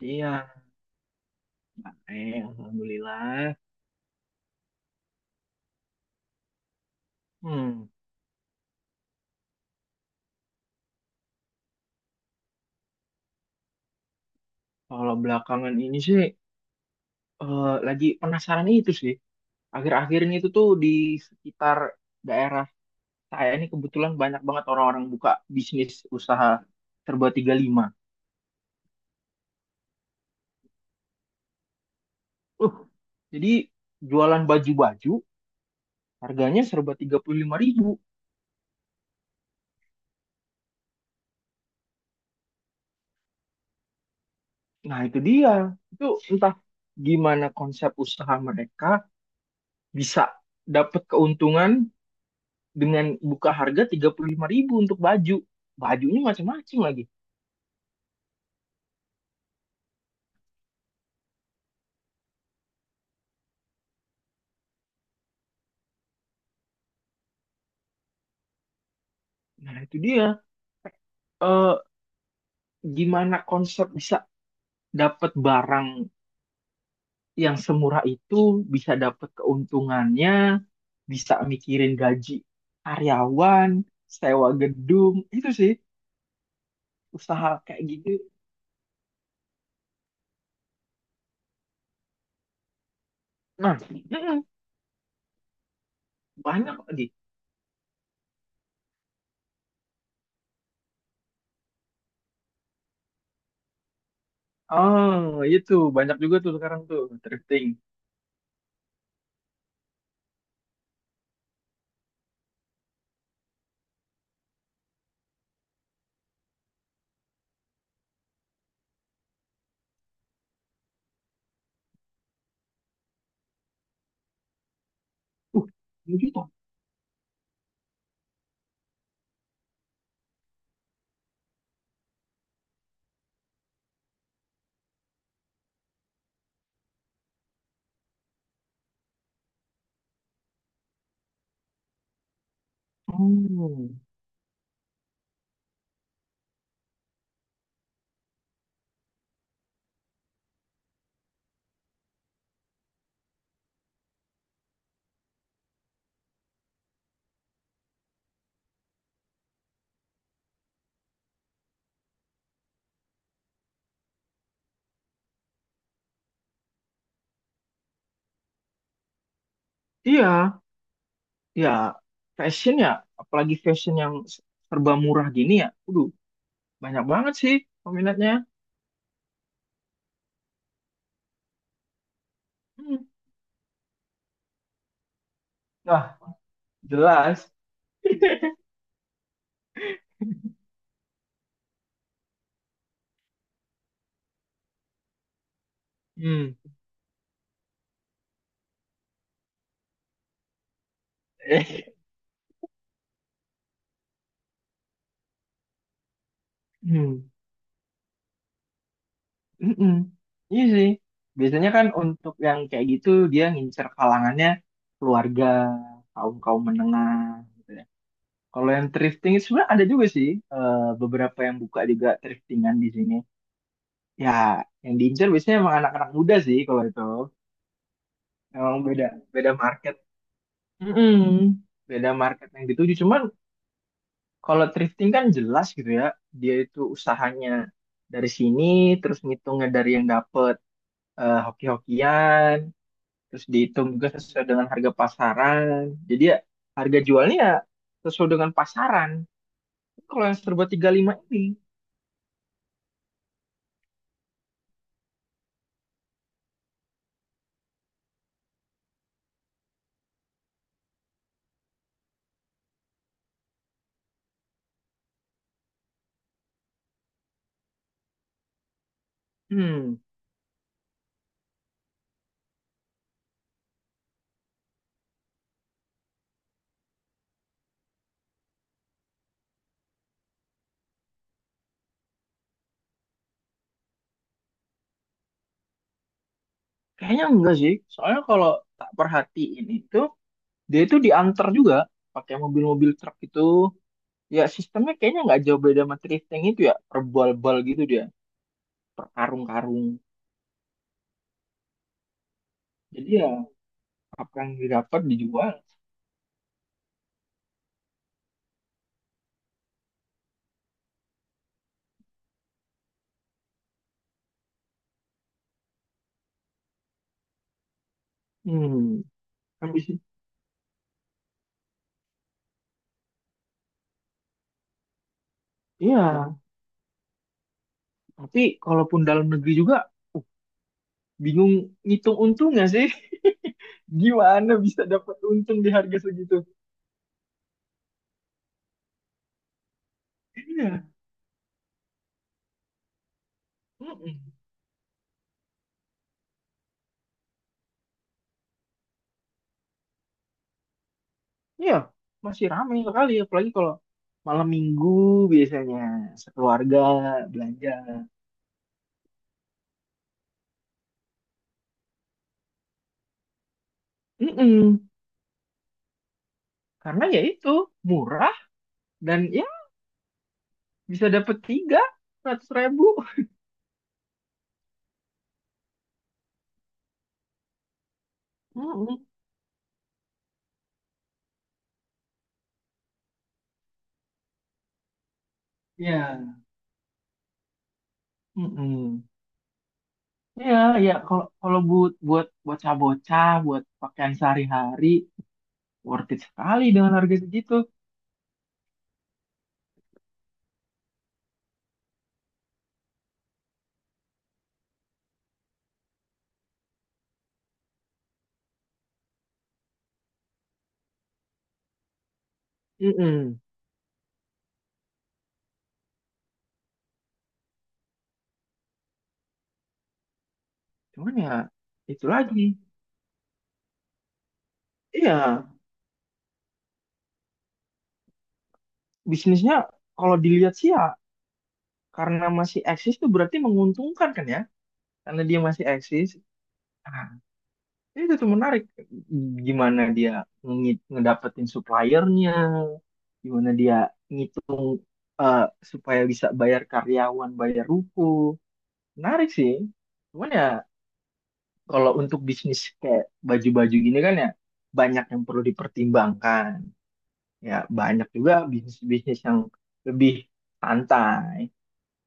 Iya, alhamdulillah. Hmm, Kalau belakangan ini sih lagi penasaran itu sih. Akhir-akhir ini itu tuh di sekitar daerah saya ini kebetulan banyak banget orang-orang buka bisnis usaha serba 35. Uh, jadi jualan baju-baju harganya serba 35 ribu. Nah, itu dia. Itu entah gimana konsep usaha mereka bisa dapat keuntungan dengan buka harga 35 ribu untuk baju. Bajunya macam-macam lagi. Nah, itu dia. Eh, Gimana konsep bisa dapat barang yang semurah itu, bisa dapat keuntungannya, bisa mikirin gaji karyawan, sewa gedung, itu sih usaha kayak gitu. Nah, banyak lagi. Oh, itu banyak juga tuh sekarang tuh thrifting. Uh, ini gitu. Hmm, iya. Ya, fashion ya, apalagi fashion yang serba murah gini ya. Waduh, banyak banget sih peminatnya. Hmm. Nah, jelas. Hmm. Eh, Hmm. Mm-mm. Iya sih. Biasanya kan untuk yang kayak gitu dia ngincer kalangannya keluarga, kaum-kaum menengah gitu ya. Kalau yang thrifting itu sebenarnya ada juga sih, eh, beberapa yang buka juga thriftingan di sini. Ya, yang diincar biasanya emang anak-anak muda sih kalau itu. Emang beda beda market. Mm-mm. Beda market yang dituju. Cuman kalau thrifting kan jelas gitu ya, dia itu usahanya dari sini, terus ngitungnya dari yang dapet, hoki-hokian, terus dihitung juga sesuai dengan harga pasaran. Jadi ya harga jualnya ya sesuai dengan pasaran. Kalau yang serba 35 ini, hmm, kayaknya enggak sih. Soalnya kalau tak perhatiin itu, dia itu diantar juga pakai mobil-mobil truk itu. Ya sistemnya kayaknya nggak jauh beda sama thrifting itu ya, per bal gitu dia, per karung-karung. Jadi ya apa yang didapat dijual. Hmm, Habis itu. Iya, tapi kalaupun dalam negeri juga, uh, bingung ngitung untungnya sih. Gimana bisa dapat untung di harga segitu? Iya. Mm-mm. Iya, masih ramai sekali, apalagi kalau malam minggu biasanya sekeluarga belanja. Mm-mm. Karena ya itu murah, dan ya bisa dapat 300 ribu. Mm-mm. Ya. Mm-mm. Ya, ya, kalau kalau buat buat bocah-bocah buat pakaian sehari-hari worth it sekali dengan harga segitu. mm Cuman ya itu lagi. Iya, bisnisnya kalau dilihat sih ya, karena masih eksis tuh berarti menguntungkan kan ya, karena dia masih eksis. Iya, itu tuh menarik. Gimana dia ngedapetin suppliernya, gimana dia ngitung, eh, supaya bisa bayar karyawan, bayar ruko. Menarik sih. Cuman ya kalau untuk bisnis kayak baju-baju gini kan ya, banyak yang perlu dipertimbangkan. Ya banyak juga bisnis-bisnis yang lebih santai.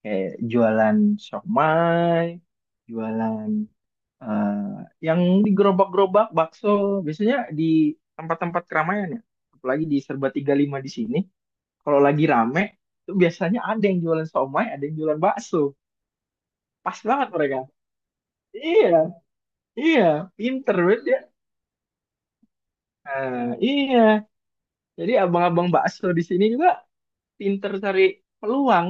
Kayak jualan siomay, jualan, Eh, yang di gerobak-gerobak bakso biasanya di tempat-tempat keramaian ya, apalagi di Serba 35 di sini kalau lagi rame itu biasanya ada yang jualan somai, ada yang jualan bakso, pas banget mereka. Iya, iya, pinter banget ya. Nah, iya, jadi abang-abang bakso di sini juga pinter cari peluang.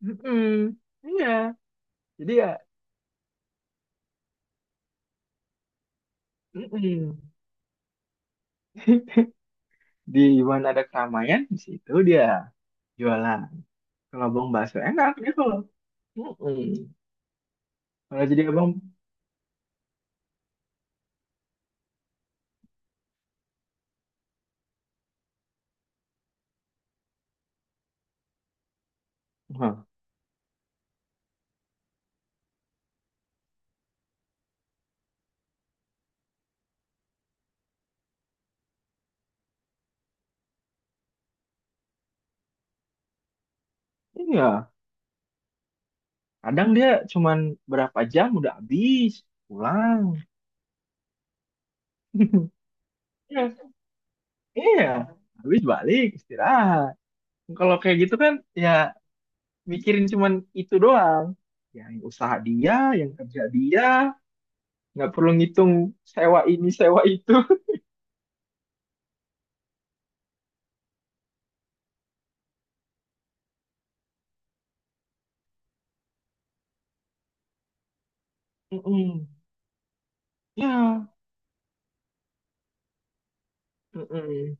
Mm-mm. Iya, jadi ya. Mm-mm. Di mana ada keramaian di situ dia jualan. Kalau abang bakso enak gitu loh. Mm-mm. Kalau jadi abang, hah, iya. Kadang dia cuman berapa jam udah habis, pulang. Iya, iya. Habis balik, istirahat. Kalau kayak gitu kan, ya mikirin cuman itu doang. Yang usaha dia, yang kerja dia, nggak perlu ngitung sewa ini, sewa itu. Mm-mm. Iya. Mm-mm.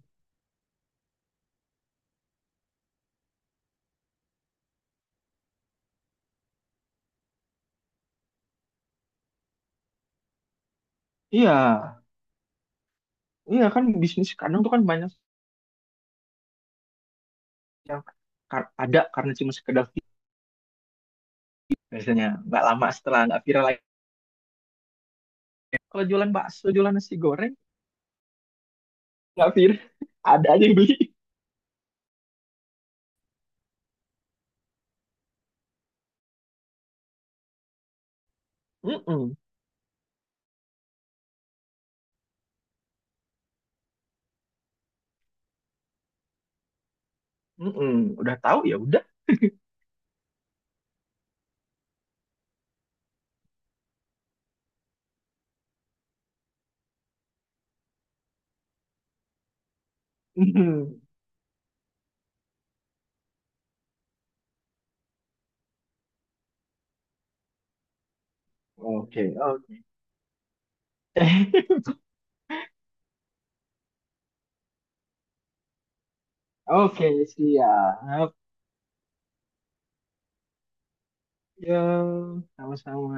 Iya, iya kan, bisnis kadang tuh kan banyak yang ada karena cuma sekedar viral, biasanya nggak lama setelah nggak viral lagi. Kalau jualan bakso, jualan nasi goreng nggak Fir, ada aja yang beli. Mm-mm. Mm-mm. Udah tahu ya udah. Mm. Oke, oke. Oke, siap. Ya, sama-sama.